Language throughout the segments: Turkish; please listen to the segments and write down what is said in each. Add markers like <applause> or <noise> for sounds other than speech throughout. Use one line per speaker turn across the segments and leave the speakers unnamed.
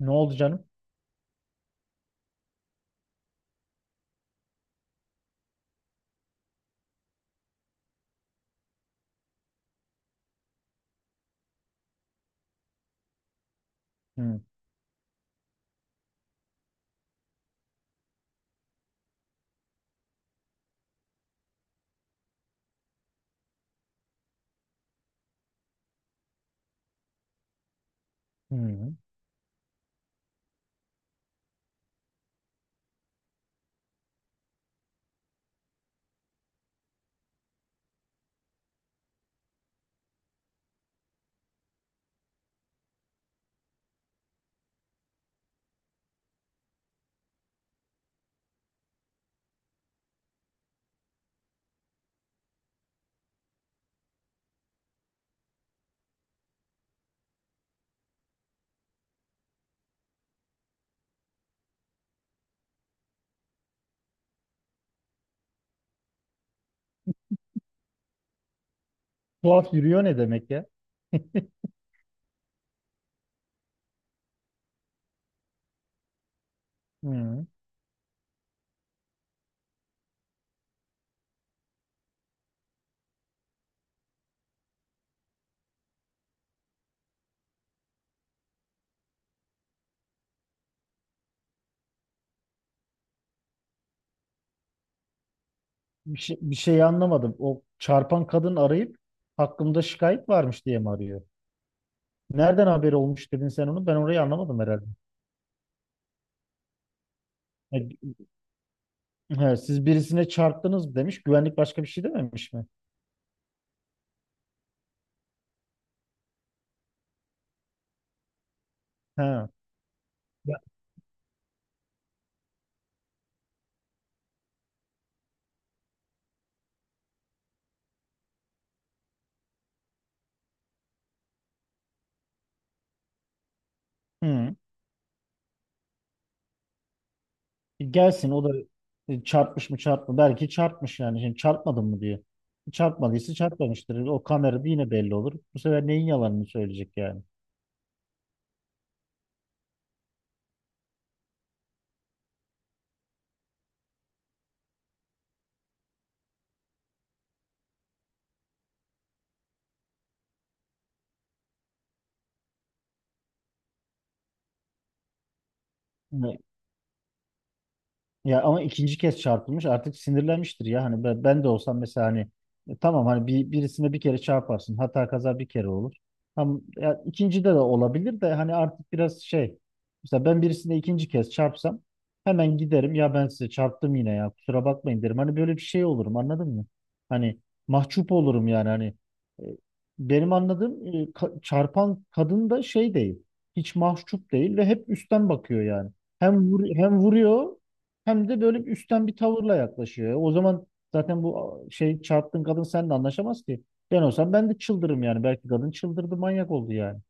Ne oldu canım? Hı. Hı. Tuhaf yürüyor ne demek ya? Hı. Bir şey anlamadım. O çarpan kadın arayıp hakkımda şikayet varmış diye mi arıyor? Nereden haberi olmuş dedin sen onu? Ben orayı anlamadım herhalde. E, he, siz birisine çarptınız mı demiş. Güvenlik başka bir şey dememiş mi? He. Hı. Gelsin o da çarpmış mı çarpma. Belki çarpmış yani. Şimdi çarpmadın mı diyor. Çarpmadıysa çarpmamıştır. O kamerada yine belli olur. Bu sefer neyin yalanını söyleyecek yani? Ya ama ikinci kez çarpılmış artık sinirlenmiştir ya. Hani ben de olsam mesela hani tamam hani birisine bir kere çarparsın. Hata kaza bir kere olur. Tam ya ikinci de de olabilir de hani artık biraz şey. Mesela ben birisine ikinci kez çarpsam hemen giderim ya ben size çarptım yine ya kusura bakmayın derim. Hani böyle bir şey olurum anladın mı? Hani mahcup olurum yani hani e, benim anladığım çarpan kadın da şey değil. Hiç mahcup değil ve hep üstten bakıyor yani. Hem vuruyor hem de böyle bir üstten bir tavırla yaklaşıyor. O zaman zaten bu şey çarptığın kadın seninle anlaşamaz ki. Ben olsam ben de çıldırırım yani. Belki kadın çıldırdı, manyak oldu yani.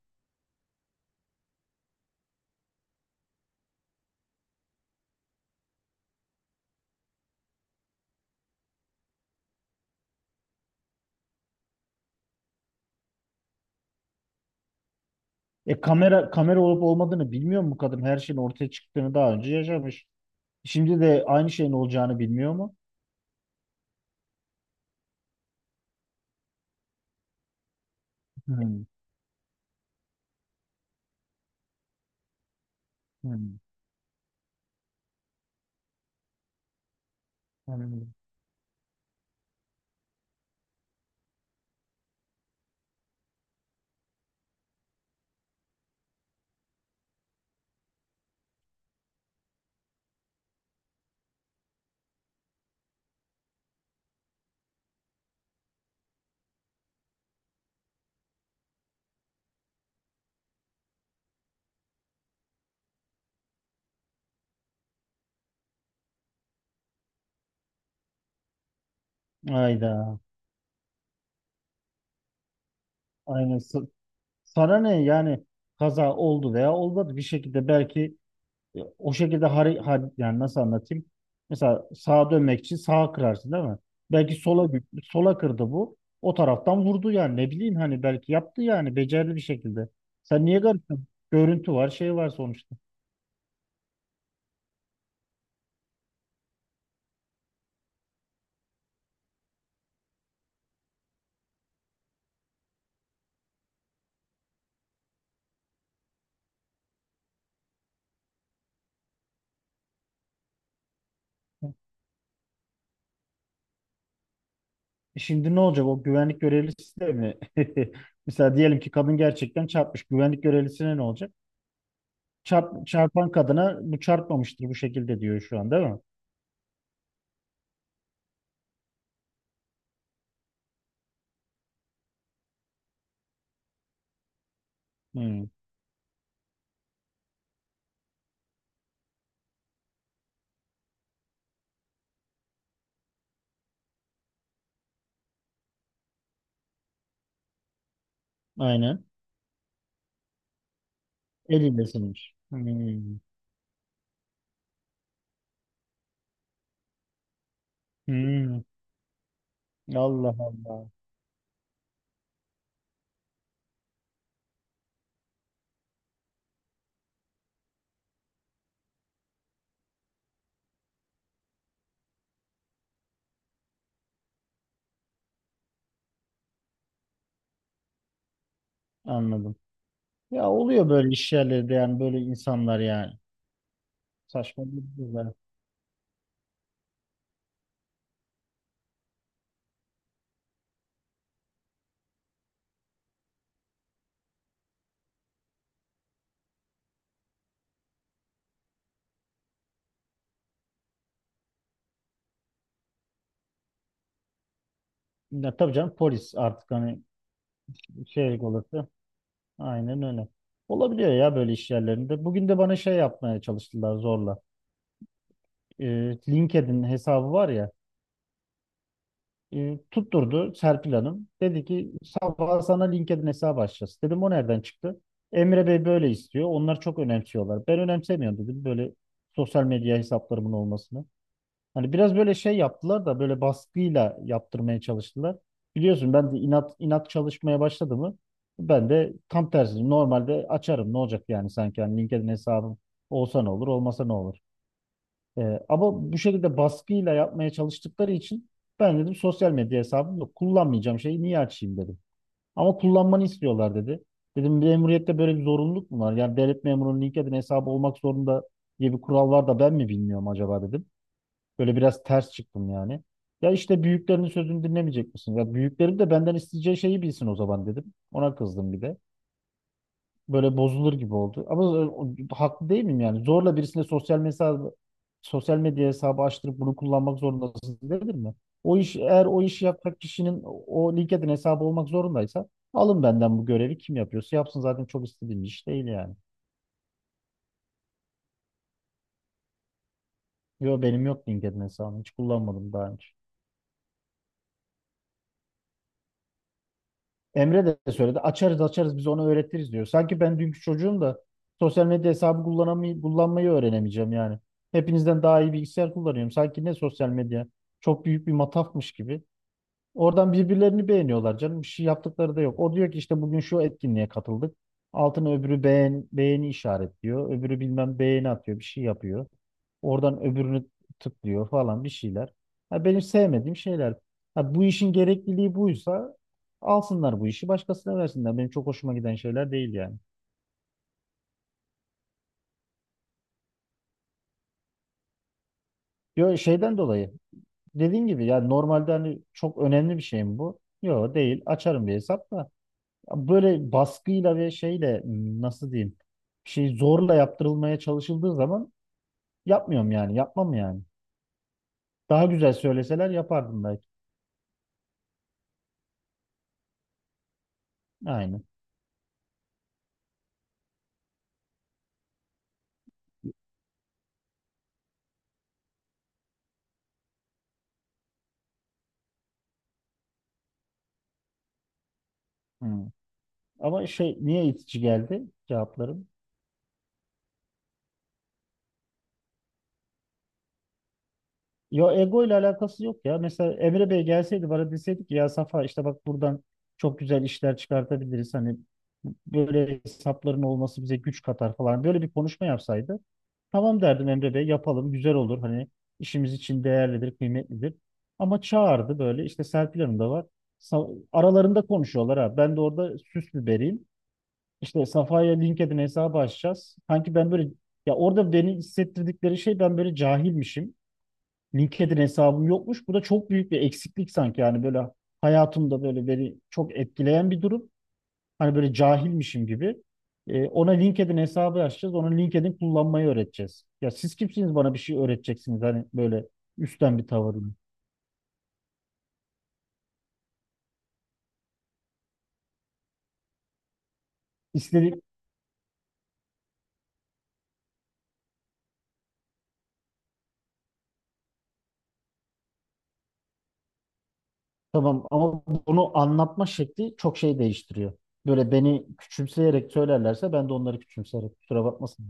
E kamera olup olmadığını bilmiyor mu kadın? Her şeyin ortaya çıktığını daha önce yaşamış. Şimdi de aynı şeyin olacağını bilmiyor mu? Hmm, hmm, anladım. Hayda. Aynen. Sana ne yani kaza oldu veya olmadı bir şekilde belki. O şekilde yani nasıl anlatayım? Mesela sağa dönmek için sağa kırarsın değil mi? Belki sola kırdı bu. O taraftan vurdu yani ne bileyim hani belki yaptı yani becerdi bir şekilde. Sen niye garipsin? Görüntü var, şey var sonuçta. E şimdi ne olacak o güvenlik görevlisi de mi? <laughs> Mesela diyelim ki kadın gerçekten çarpmış. Güvenlik görevlisine ne olacak? Çarpan kadına bu çarpmamıştır bu şekilde diyor şu an değil mi? Hmm, aynen. Elindesinmiş. Hmm. Hmm. Allah Allah. Anladım. Ya oluyor böyle iş yerlerinde yani böyle insanlar yani. Saçma durumlar. Ya tabii canım polis artık hani şey olası. Aynen öyle. Olabiliyor ya böyle iş yerlerinde. Bugün de bana şey yapmaya çalıştılar zorla. Ee, LinkedIn hesabı var ya. Tutturdu Serpil Hanım. Dedi ki sabah sana LinkedIn hesabı açacağız. Dedim o nereden çıktı? Emre Bey böyle istiyor. Onlar çok önemsiyorlar. Ben önemsemiyorum dedim böyle sosyal medya hesaplarımın olmasını. Hani biraz böyle şey yaptılar da böyle baskıyla yaptırmaya çalıştılar. Biliyorsun ben de inat inat çalışmaya başladı mı ben de tam tersi normalde açarım ne olacak yani sanki hani LinkedIn hesabım olsa ne olur olmasa ne olur. Ama bu şekilde baskıyla yapmaya çalıştıkları için ben dedim sosyal medya hesabım yok kullanmayacağım şeyi niye açayım dedim. Ama kullanmanı istiyorlar dedi. Dedim memuriyette böyle bir zorunluluk mu var? Yani devlet memurunun LinkedIn hesabı olmak zorunda diye bir kural var da ben mi bilmiyorum acaba dedim. Böyle biraz ters çıktım yani. Ya işte büyüklerinin sözünü dinlemeyecek misin? Ya büyüklerim de benden isteyeceği şeyi bilsin o zaman dedim. Ona kızdım bir de. Böyle bozulur gibi oldu. Ama haklı değil miyim yani? Zorla birisine sosyal medya hesabı açtırıp bunu kullanmak zorundasın dedim mi? O iş eğer o işi yapacak kişinin o LinkedIn hesabı olmak zorundaysa alın benden bu görevi kim yapıyorsa yapsın zaten çok istediğim bir iş değil yani. Yo benim yok LinkedIn hesabım hiç kullanmadım daha önce. Emre de söyledi. Açarız açarız biz onu öğretiriz diyor. Sanki ben dünkü çocuğum da sosyal medya hesabı kullanmayı öğrenemeyeceğim yani. Hepinizden daha iyi bilgisayar kullanıyorum. Sanki ne sosyal medya çok büyük bir matafmış gibi. Oradan birbirlerini beğeniyorlar canım. Bir şey yaptıkları da yok. O diyor ki işte bugün şu etkinliğe katıldık. Altına öbürü beğeni işaretliyor. Öbürü bilmem beğeni atıyor. Bir şey yapıyor. Oradan öbürünü tıklıyor falan bir şeyler. Ha, benim sevmediğim şeyler. Ha, bu işin gerekliliği buysa alsınlar bu işi başkasına versinler. Benim çok hoşuma giden şeyler değil yani. Yo, şeyden dolayı dediğin gibi yani normalde hani çok önemli bir şey mi bu? Yok değil. Açarım bir hesap da böyle baskıyla ve şeyle nasıl diyeyim bir şey zorla yaptırılmaya çalışıldığı zaman yapmıyorum yani yapmam yani. Daha güzel söyleseler yapardım belki. Aynen. Hmm. Ama şey niye itici geldi cevaplarım? Yo ego ile alakası yok ya. Mesela Emre Bey gelseydi bana deseydik ki, ya Safa işte bak buradan çok güzel işler çıkartabiliriz. Hani böyle hesapların olması bize güç katar falan. Böyle bir konuşma yapsaydı tamam derdim Emre Bey yapalım güzel olur hani işimiz için değerlidir kıymetlidir. Ama çağırdı böyle işte Serpil Hanım da var. Aralarında konuşuyorlar ha. Ben de orada süs biberiyim. İşte Safa'ya LinkedIn hesabı açacağız. Sanki ben böyle ya orada beni hissettirdikleri şey ben böyle cahilmişim. LinkedIn hesabım yokmuş. Bu da çok büyük bir eksiklik sanki yani böyle hayatımda böyle beni çok etkileyen bir durum. Hani böyle cahilmişim gibi. E, ona LinkedIn hesabı açacağız. Ona LinkedIn kullanmayı öğreteceğiz. Ya siz kimsiniz bana bir şey öğreteceksiniz hani böyle üstten bir tavırla. İstediğim tamam ama bunu anlatma şekli çok şey değiştiriyor. Böyle beni küçümseyerek söylerlerse ben de onları küçümseyerek kusura bakmasın.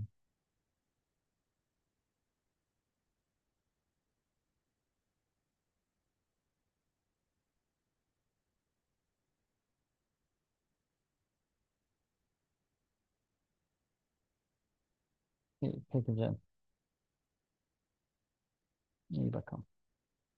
İyi, peki canım. İyi bakalım.